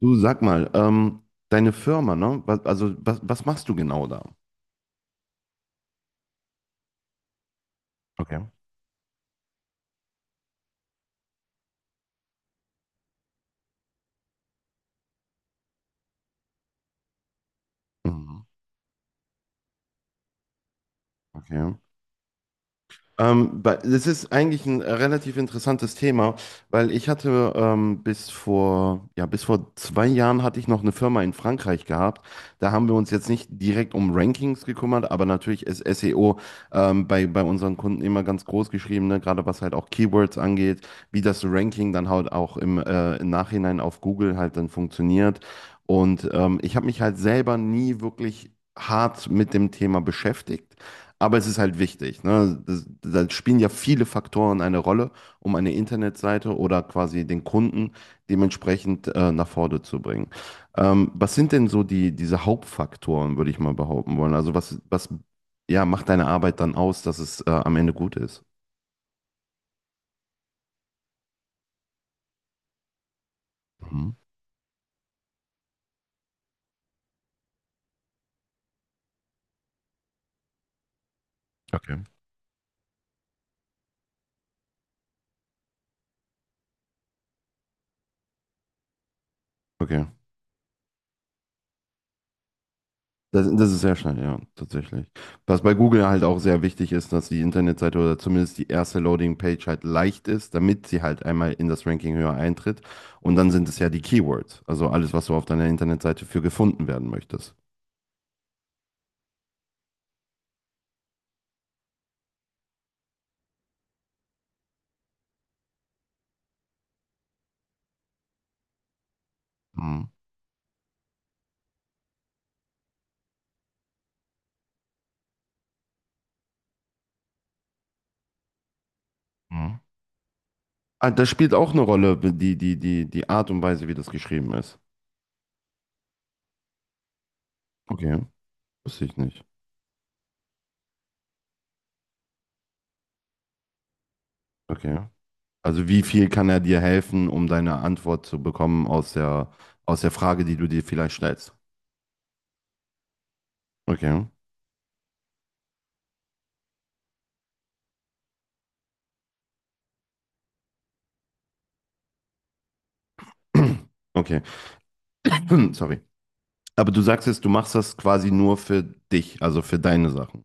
Du sag mal, deine Firma, ne? Was machst du genau da? Okay. Mhm. Okay. Das ist eigentlich ein relativ interessantes Thema, weil ich hatte bis vor zwei Jahren hatte ich noch eine Firma in Frankreich gehabt. Da haben wir uns jetzt nicht direkt um Rankings gekümmert, aber natürlich ist SEO bei unseren Kunden immer ganz groß geschrieben, ne? Gerade was halt auch Keywords angeht, wie das Ranking dann halt auch im Nachhinein auf Google halt dann funktioniert. Und ich habe mich halt selber nie wirklich hart mit dem Thema beschäftigt. Aber es ist halt wichtig. Ne? Da spielen ja viele Faktoren eine Rolle, um eine Internetseite oder quasi den Kunden dementsprechend nach vorne zu bringen. Was sind denn so diese Hauptfaktoren, würde ich mal behaupten wollen? Also was ja, macht deine Arbeit dann aus, dass es am Ende gut ist? Mhm. Okay. Okay. Das ist sehr schnell, ja, tatsächlich. Was bei Google halt auch sehr wichtig ist, dass die Internetseite oder zumindest die erste Loading-Page halt leicht ist, damit sie halt einmal in das Ranking höher eintritt. Und dann sind es ja die Keywords, also alles, was du auf deiner Internetseite für gefunden werden möchtest. Mhm. Mhm. Ah, das spielt auch eine Rolle, die Art und Weise, wie das geschrieben ist. Okay, wusste ich nicht. Okay. Also wie viel kann er dir helfen, um deine Antwort zu bekommen aus der Frage, die du dir vielleicht stellst? Okay. Okay. Hm, sorry. Aber du sagst jetzt, du machst das quasi nur für dich, also für deine Sachen.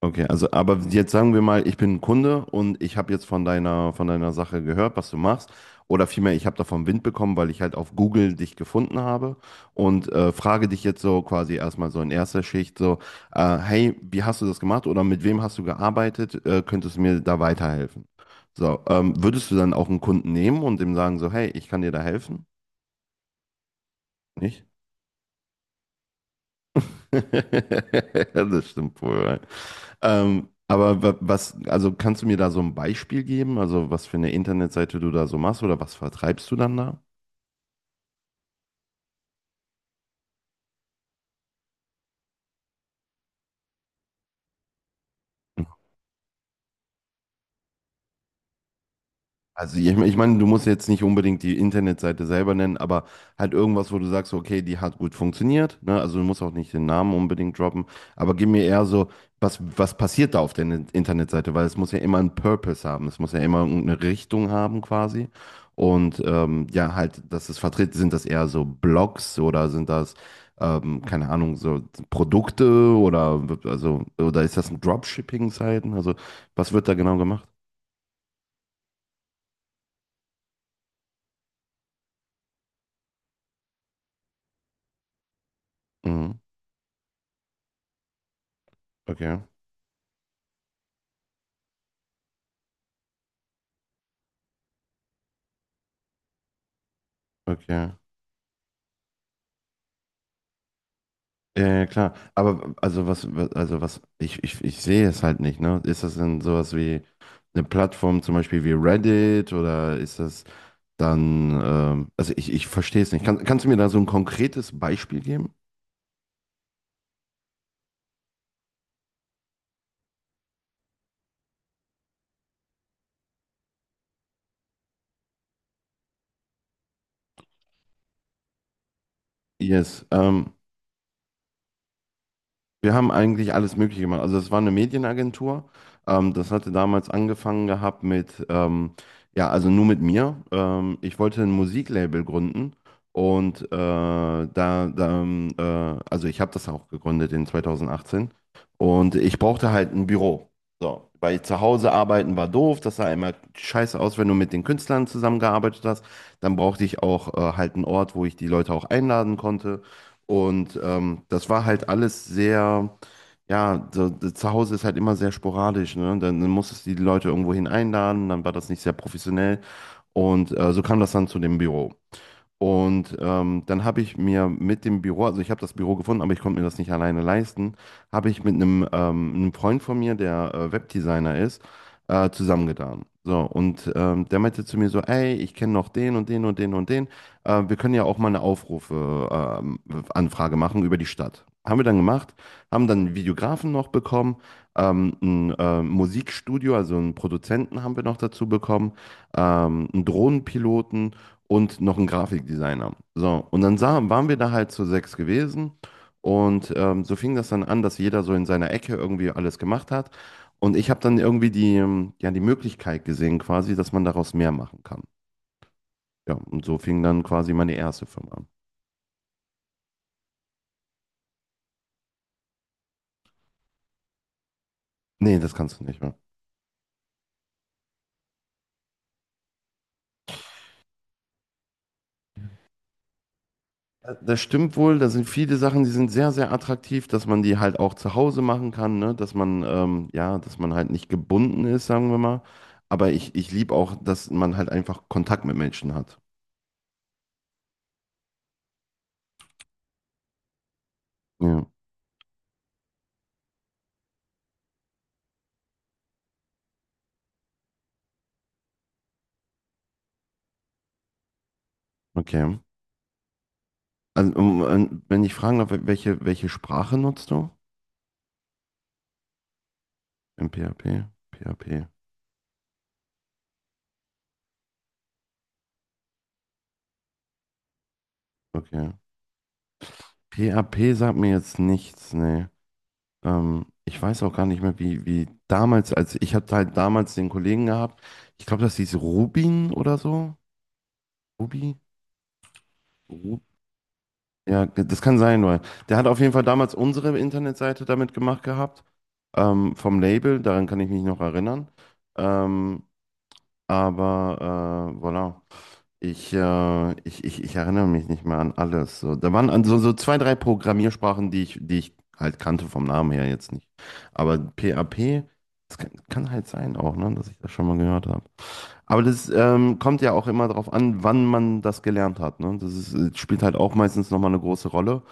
Okay, also aber jetzt sagen wir mal, ich bin ein Kunde und ich habe jetzt von deiner Sache gehört, was du machst. Oder vielmehr, ich habe davon Wind bekommen, weil ich halt auf Google dich gefunden habe und frage dich jetzt so quasi erstmal so in erster Schicht so, hey, wie hast du das gemacht oder mit wem hast du gearbeitet? Könntest du mir da weiterhelfen? So, würdest du dann auch einen Kunden nehmen und dem sagen so, hey, ich kann dir da helfen? Nicht? Das stimmt wohl. Ja. Aber wa- was, also kannst du mir da so ein Beispiel geben? Also was für eine Internetseite du da so machst oder was vertreibst du dann da? Also ich meine, du musst jetzt nicht unbedingt die Internetseite selber nennen, aber halt irgendwas, wo du sagst, okay, die hat gut funktioniert, ne? Also du musst auch nicht den Namen unbedingt droppen, aber gib mir eher so, was passiert da auf der Internetseite, weil es muss ja immer einen Purpose haben, es muss ja immer irgendeine Richtung haben quasi. Und ja, halt, dass es vertreten, sind das eher so Blogs oder sind das, keine Ahnung, so Produkte oder also, oder ist das ein Dropshipping-Seiten? Also was wird da genau gemacht? Mhm. Okay, okay. Ja, ja, klar. Aber also ich sehe es halt nicht, ne? Ist das denn sowas wie eine Plattform zum Beispiel wie Reddit oder ist das dann, ähm, also ich verstehe es nicht. Kannst du mir da so ein konkretes Beispiel geben? Yes. Wir haben eigentlich alles Mögliche gemacht. Also es war eine Medienagentur. Das hatte damals angefangen gehabt mit ja, also nur mit mir. Ich wollte ein Musiklabel gründen und da, da ähm, äh, also ich habe das auch gegründet in 2018 und ich brauchte halt ein Büro. So, weil zu Hause arbeiten war doof, das sah immer scheiße aus, wenn du mit den Künstlern zusammengearbeitet hast. Dann brauchte ich auch halt einen Ort, wo ich die Leute auch einladen konnte. Und das war halt alles sehr, ja, so, so zu Hause ist halt immer sehr sporadisch, ne? Dann musstest du die Leute irgendwohin einladen, dann war das nicht sehr professionell. Und so kam das dann zu dem Büro. Und dann habe ich mir mit dem Büro, also ich habe das Büro gefunden, aber ich konnte mir das nicht alleine leisten, habe ich mit einem Freund von mir, der Webdesigner ist, zusammengetan. So, und der meinte zu mir so, ey, ich kenne noch den und den und den und den. Wir können ja auch mal eine ähm, Anfrage machen über die Stadt. Haben wir dann gemacht, haben dann einen Videografen noch bekommen, ein Musikstudio, also einen Produzenten haben wir noch dazu bekommen, einen Drohnenpiloten und noch ein Grafikdesigner. So, und waren wir da halt zu sechs gewesen und so fing das dann an, dass jeder so in seiner Ecke irgendwie alles gemacht hat. Und ich habe dann irgendwie ja, die Möglichkeit gesehen, quasi, dass man daraus mehr machen kann. Ja, und so fing dann quasi meine erste Firma an. Nee, das kannst du nicht mehr. Das stimmt wohl, da sind viele Sachen, die sind sehr, sehr attraktiv, dass man die halt auch zu Hause machen kann, ne? Dass man ja, dass man halt nicht gebunden ist, sagen wir mal. Aber ich liebe auch, dass man halt einfach Kontakt mit Menschen hat. Ja, okay. Wenn ich fragen darf, welche Sprache nutzt du im PHP? P, P H P, okay. P H P sagt mir jetzt nichts, nee. Ich weiß auch gar nicht mehr, wie damals, als ich hatte halt damals den Kollegen gehabt, ich glaube, das hieß Rubin oder so. Rubi? Ru ja, das kann sein, weil der hat auf jeden Fall damals unsere Internetseite damit gemacht gehabt, vom Label, daran kann ich mich noch erinnern. Ähm, Aber voilà. Ich erinnere mich nicht mehr an alles. So, da waren also so so zwei, drei Programmiersprachen, die ich halt kannte vom Namen her jetzt nicht. Aber PHP, das kann halt sein auch, ne, dass ich das schon mal gehört habe. Aber das kommt ja auch immer darauf an, wann man das gelernt hat. Ne? Das ist, spielt halt auch meistens nochmal eine große Rolle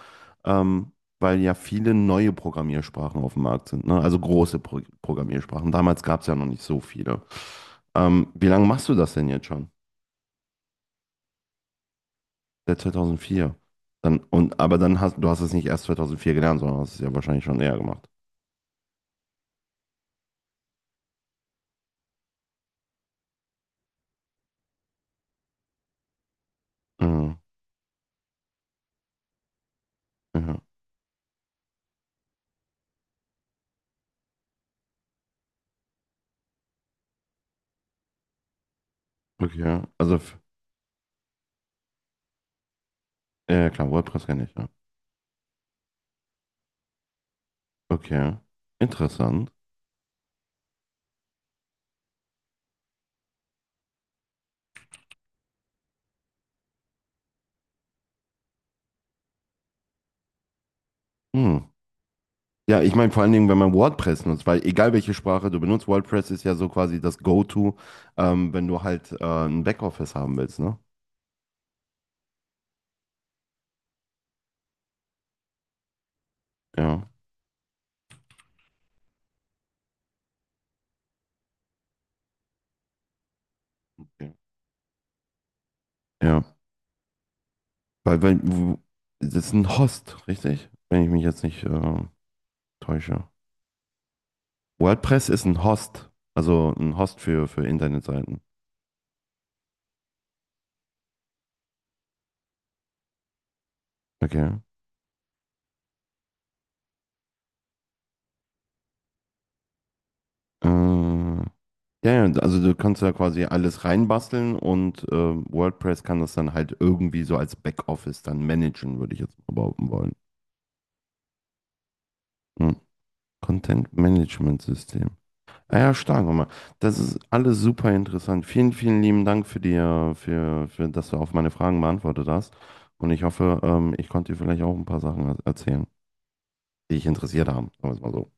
ähm, weil ja viele neue Programmiersprachen auf dem Markt sind, ne? Also große Programmiersprachen. Damals gab es ja noch nicht so viele. Wie lange machst du das denn jetzt schon? Seit 2004. Dann, und, aber dann hast du hast es nicht erst 2004 gelernt, sondern hast es ja wahrscheinlich schon eher gemacht. Mhm. Ja, okay. Ja ja, klar, WordPress kenne ich, ja. Okay. Interessant. Hm. Ja, ich meine vor allen Dingen, wenn man WordPress nutzt, weil egal welche Sprache du benutzt, WordPress ist ja so quasi das Go-To, wenn du halt ein Backoffice haben willst, ne? Ja, ja. Ja. Weil, weil, wo- Das ist ein Host, richtig? Wenn ich mich jetzt nicht täusche. WordPress ist ein Host, also ein Host für Internetseiten. Okay. Äh, ja, ja, also du kannst da quasi alles reinbasteln und WordPress kann das dann halt irgendwie so als Backoffice dann managen, würde ich jetzt mal behaupten wollen. Hm. Content Management System. Ah ja, stark, Oma. Das ist alles super interessant. Vielen, vielen lieben Dank für dass du auf meine Fragen beantwortet hast. Und ich hoffe, ich konnte dir vielleicht auch ein paar Sachen erzählen, die dich interessiert haben. Sagen wir es mal so.